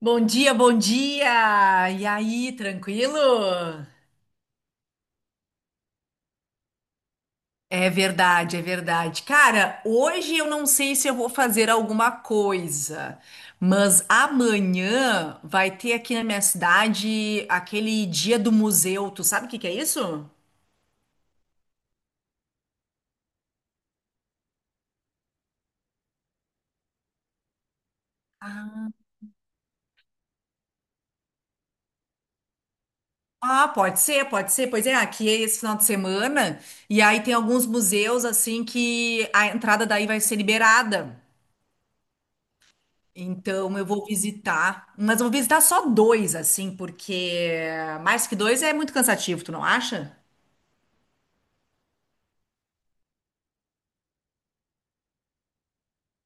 Bom dia, bom dia! E aí, tranquilo? É verdade, é verdade. Cara, hoje eu não sei se eu vou fazer alguma coisa, mas amanhã vai ter aqui na minha cidade aquele dia do museu. Tu sabe o que é isso? Ah, pode ser, pode ser. Pois é, aqui é esse final de semana. E aí tem alguns museus assim que a entrada daí vai ser liberada. Então eu vou visitar, mas eu vou visitar só dois, assim, porque mais que dois é muito cansativo, tu não acha?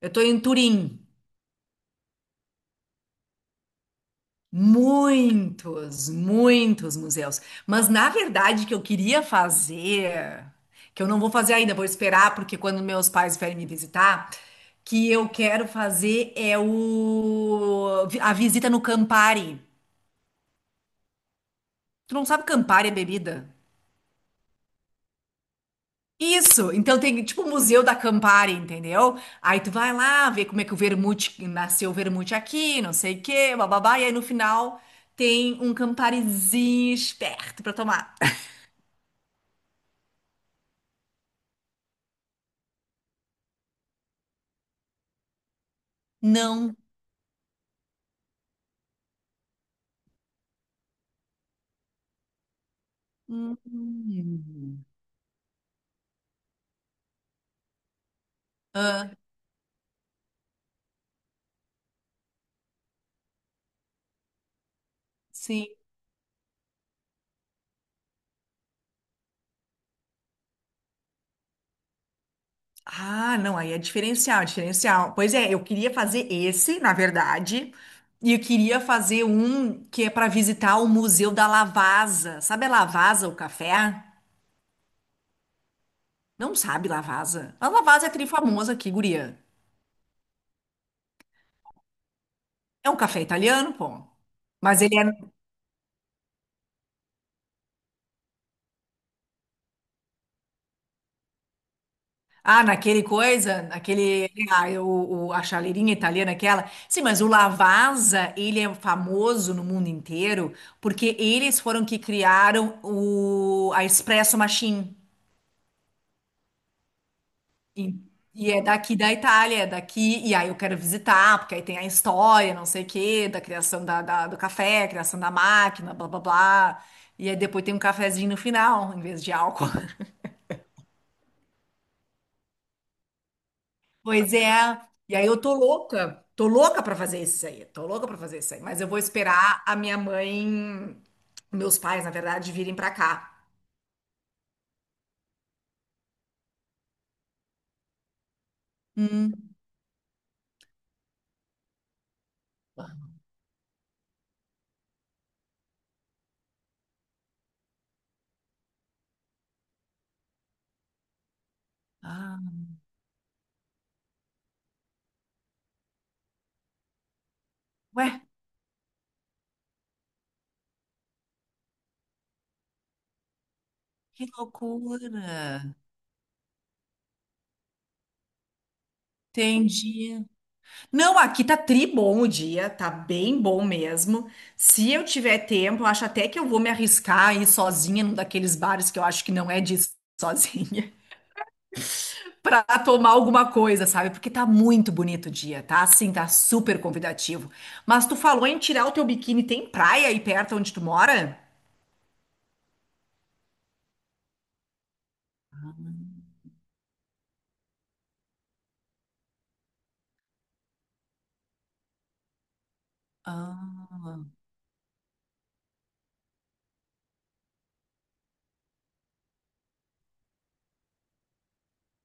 Eu tô em Turim, muitos, muitos museus. Mas na verdade que eu queria fazer, que eu não vou fazer ainda, vou esperar, porque quando meus pais vierem me visitar, que eu quero fazer é o a visita no Campari. Tu não sabe Campari é bebida? Isso, então tem tipo o Museu da Campari, entendeu? Aí tu vai lá ver como é que o vermute nasceu o vermute aqui, não sei o quê, bababá, e aí no final tem um Camparizinho esperto pra tomar. Não. Hum. Ah, sim. Ah, não, aí é diferencial, é diferencial. Pois é, eu queria fazer esse, na verdade, e eu queria fazer um que é para visitar o Museu da Lavasa. Sabe a Lavazza, o café? Não sabe Lavazza. A Lavazza é trifamosa aqui, guria. É um café italiano, pô. Mas ele é. Ah, naquele coisa, naquele. Ah, a chaleirinha italiana, aquela. Sim, mas o Lavazza, ele é famoso no mundo inteiro porque eles foram que criaram a Espresso Machine. E, e é daqui da Itália, é daqui, e aí eu quero visitar, porque aí tem a história, não sei o quê, da criação do café, criação da máquina, blá blá blá. E aí depois tem um cafezinho no final, em vez de álcool. Pois é. E aí eu tô louca pra fazer isso aí, tô louca pra fazer isso aí. Mas eu vou esperar a minha mãe, meus pais, na verdade, virem pra cá. Hum. Ah, ué, que loucura. Entendi. Não, aqui tá tri bom o dia, tá bem bom mesmo. Se eu tiver tempo, eu acho até que eu vou me arriscar a ir sozinha num daqueles bares que eu acho que não é de ir sozinha, pra tomar alguma coisa, sabe? Porque tá muito bonito o dia, tá? Assim, tá super convidativo. Mas tu falou em tirar o teu biquíni, tem praia aí perto onde tu mora? Ah,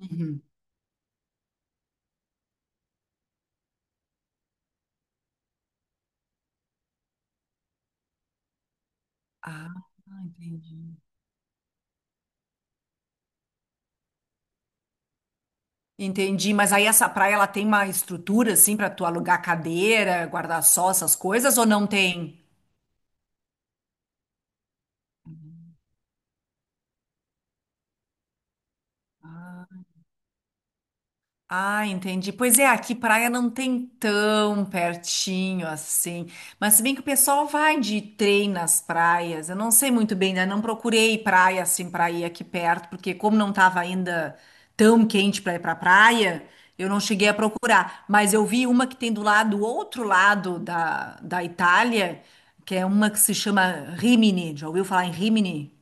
uhum. Ah, entendi. Entendi, mas aí essa praia ela tem uma estrutura assim pra tu alugar cadeira, guarda-sol, essas coisas ou não tem? Ah, ah, entendi. Pois é, aqui praia não tem tão pertinho assim. Mas se bem que o pessoal vai de trem nas praias. Eu não sei muito bem, né? Não procurei praia assim pra ir aqui perto, porque como não tava ainda tão quente pra ir pra praia, eu não cheguei a procurar. Mas eu vi uma que tem do lado, do outro lado da Itália, que é uma que se chama Rimini. Já ouviu falar em Rimini?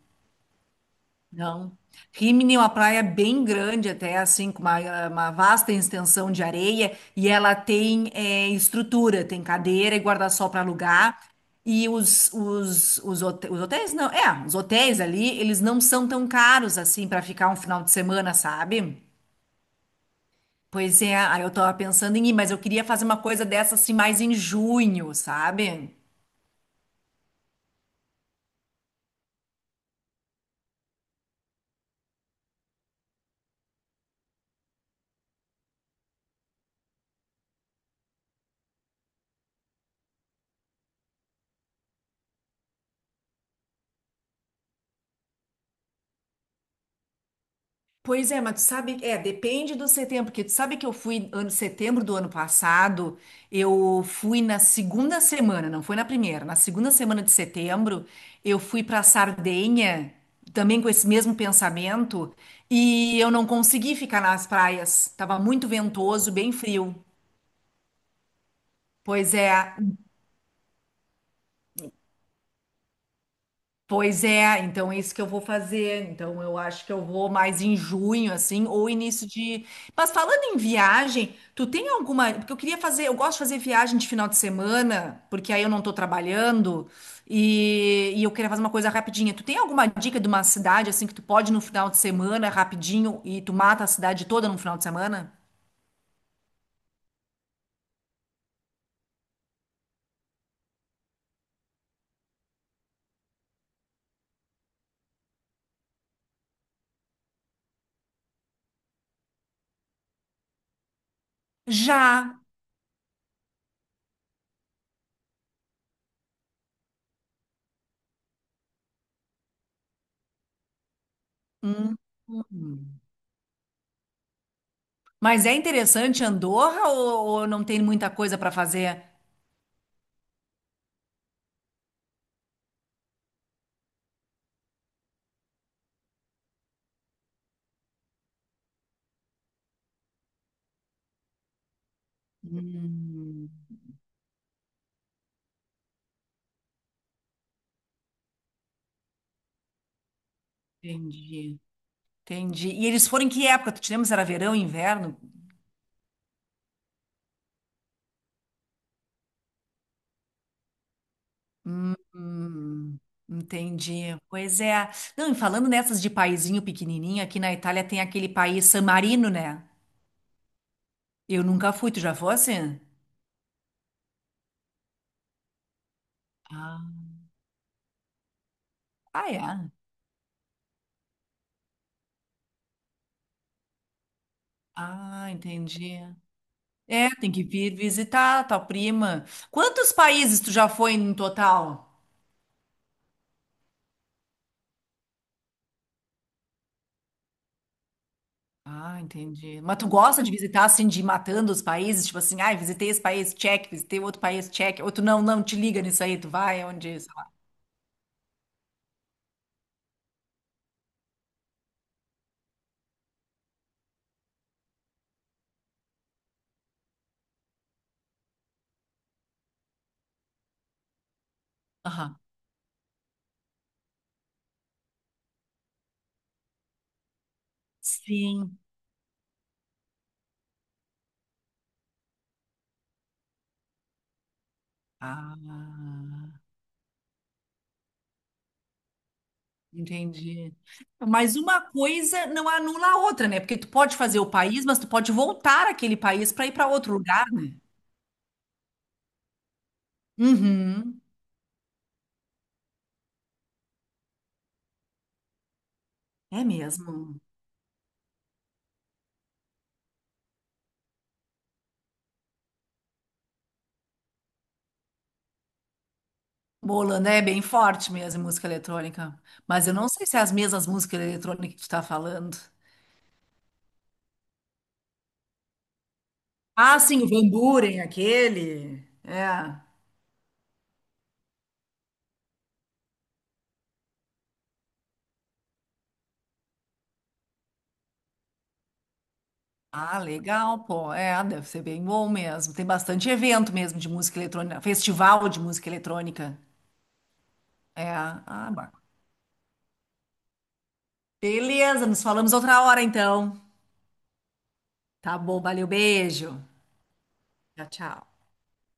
Não. Rimini é uma praia bem grande, até assim, com uma vasta extensão de areia, e ela tem estrutura, tem cadeira e guarda-sol para alugar. E os hotéis, não, é, os hotéis ali, eles não são tão caros assim para ficar um final de semana, sabe? Pois é, aí eu tava pensando em ir, mas eu queria fazer uma coisa dessa assim mais em junho, sabe? Pois é, mas tu sabe, é, depende do setembro, porque tu sabe que eu fui ano setembro do ano passado, eu fui na segunda semana, não foi na primeira, na segunda semana de setembro, eu fui para Sardenha, também com esse mesmo pensamento, e eu não consegui ficar nas praias, tava muito ventoso, bem frio. Pois é, pois é, então é isso que eu vou fazer. Então eu acho que eu vou mais em junho, assim, ou início de. Mas falando em viagem, tu tem alguma. Porque eu queria fazer, eu gosto de fazer viagem de final de semana, porque aí eu não tô trabalhando, e eu queria fazer uma coisa rapidinha. Tu tem alguma dica de uma cidade, assim, que tu pode ir no final de semana, rapidinho, e tu mata a cidade toda no final de semana? Já. Hum. Hum. Mas é interessante Andorra ou não tem muita coisa pra fazer? Hum. Entendi, entendi. E eles foram em que época? Tu te lembra se era verão, inverno? Hum, hum, entendi. Pois é. Não, e falando nessas de paizinho pequenininho, aqui na Itália tem aquele país San Marino, né? Eu nunca fui, tu já fosse? Ah, ah, é. Ah, entendi. É, tem que vir visitar a tua prima. Quantos países tu já foi no total? Ah, entendi. Mas tu gosta de visitar assim, de ir matando os países? Tipo assim, ai, visitei esse país, check, visitei outro país, check. Ou tu não te liga nisso aí, tu vai onde, sei lá. Aham. Sim. Ah, entendi. Mas uma coisa não anula a outra, né? Porque tu pode fazer o país, mas tu pode voltar àquele país para ir para outro lugar, né? Uhum. É mesmo. Bola, né? É bem forte mesmo, em música eletrônica. Mas eu não sei se é as mesmas músicas eletrônicas que tu tá falando. Ah, sim, o Van Buren, aquele. É. Ah, legal, pô. É, deve ser bem bom mesmo. Tem bastante evento mesmo de música eletrônica, festival de música eletrônica. É, ah, bacana. Beleza, nos falamos outra hora então. Tá bom, valeu, beijo. Tchau, tchau.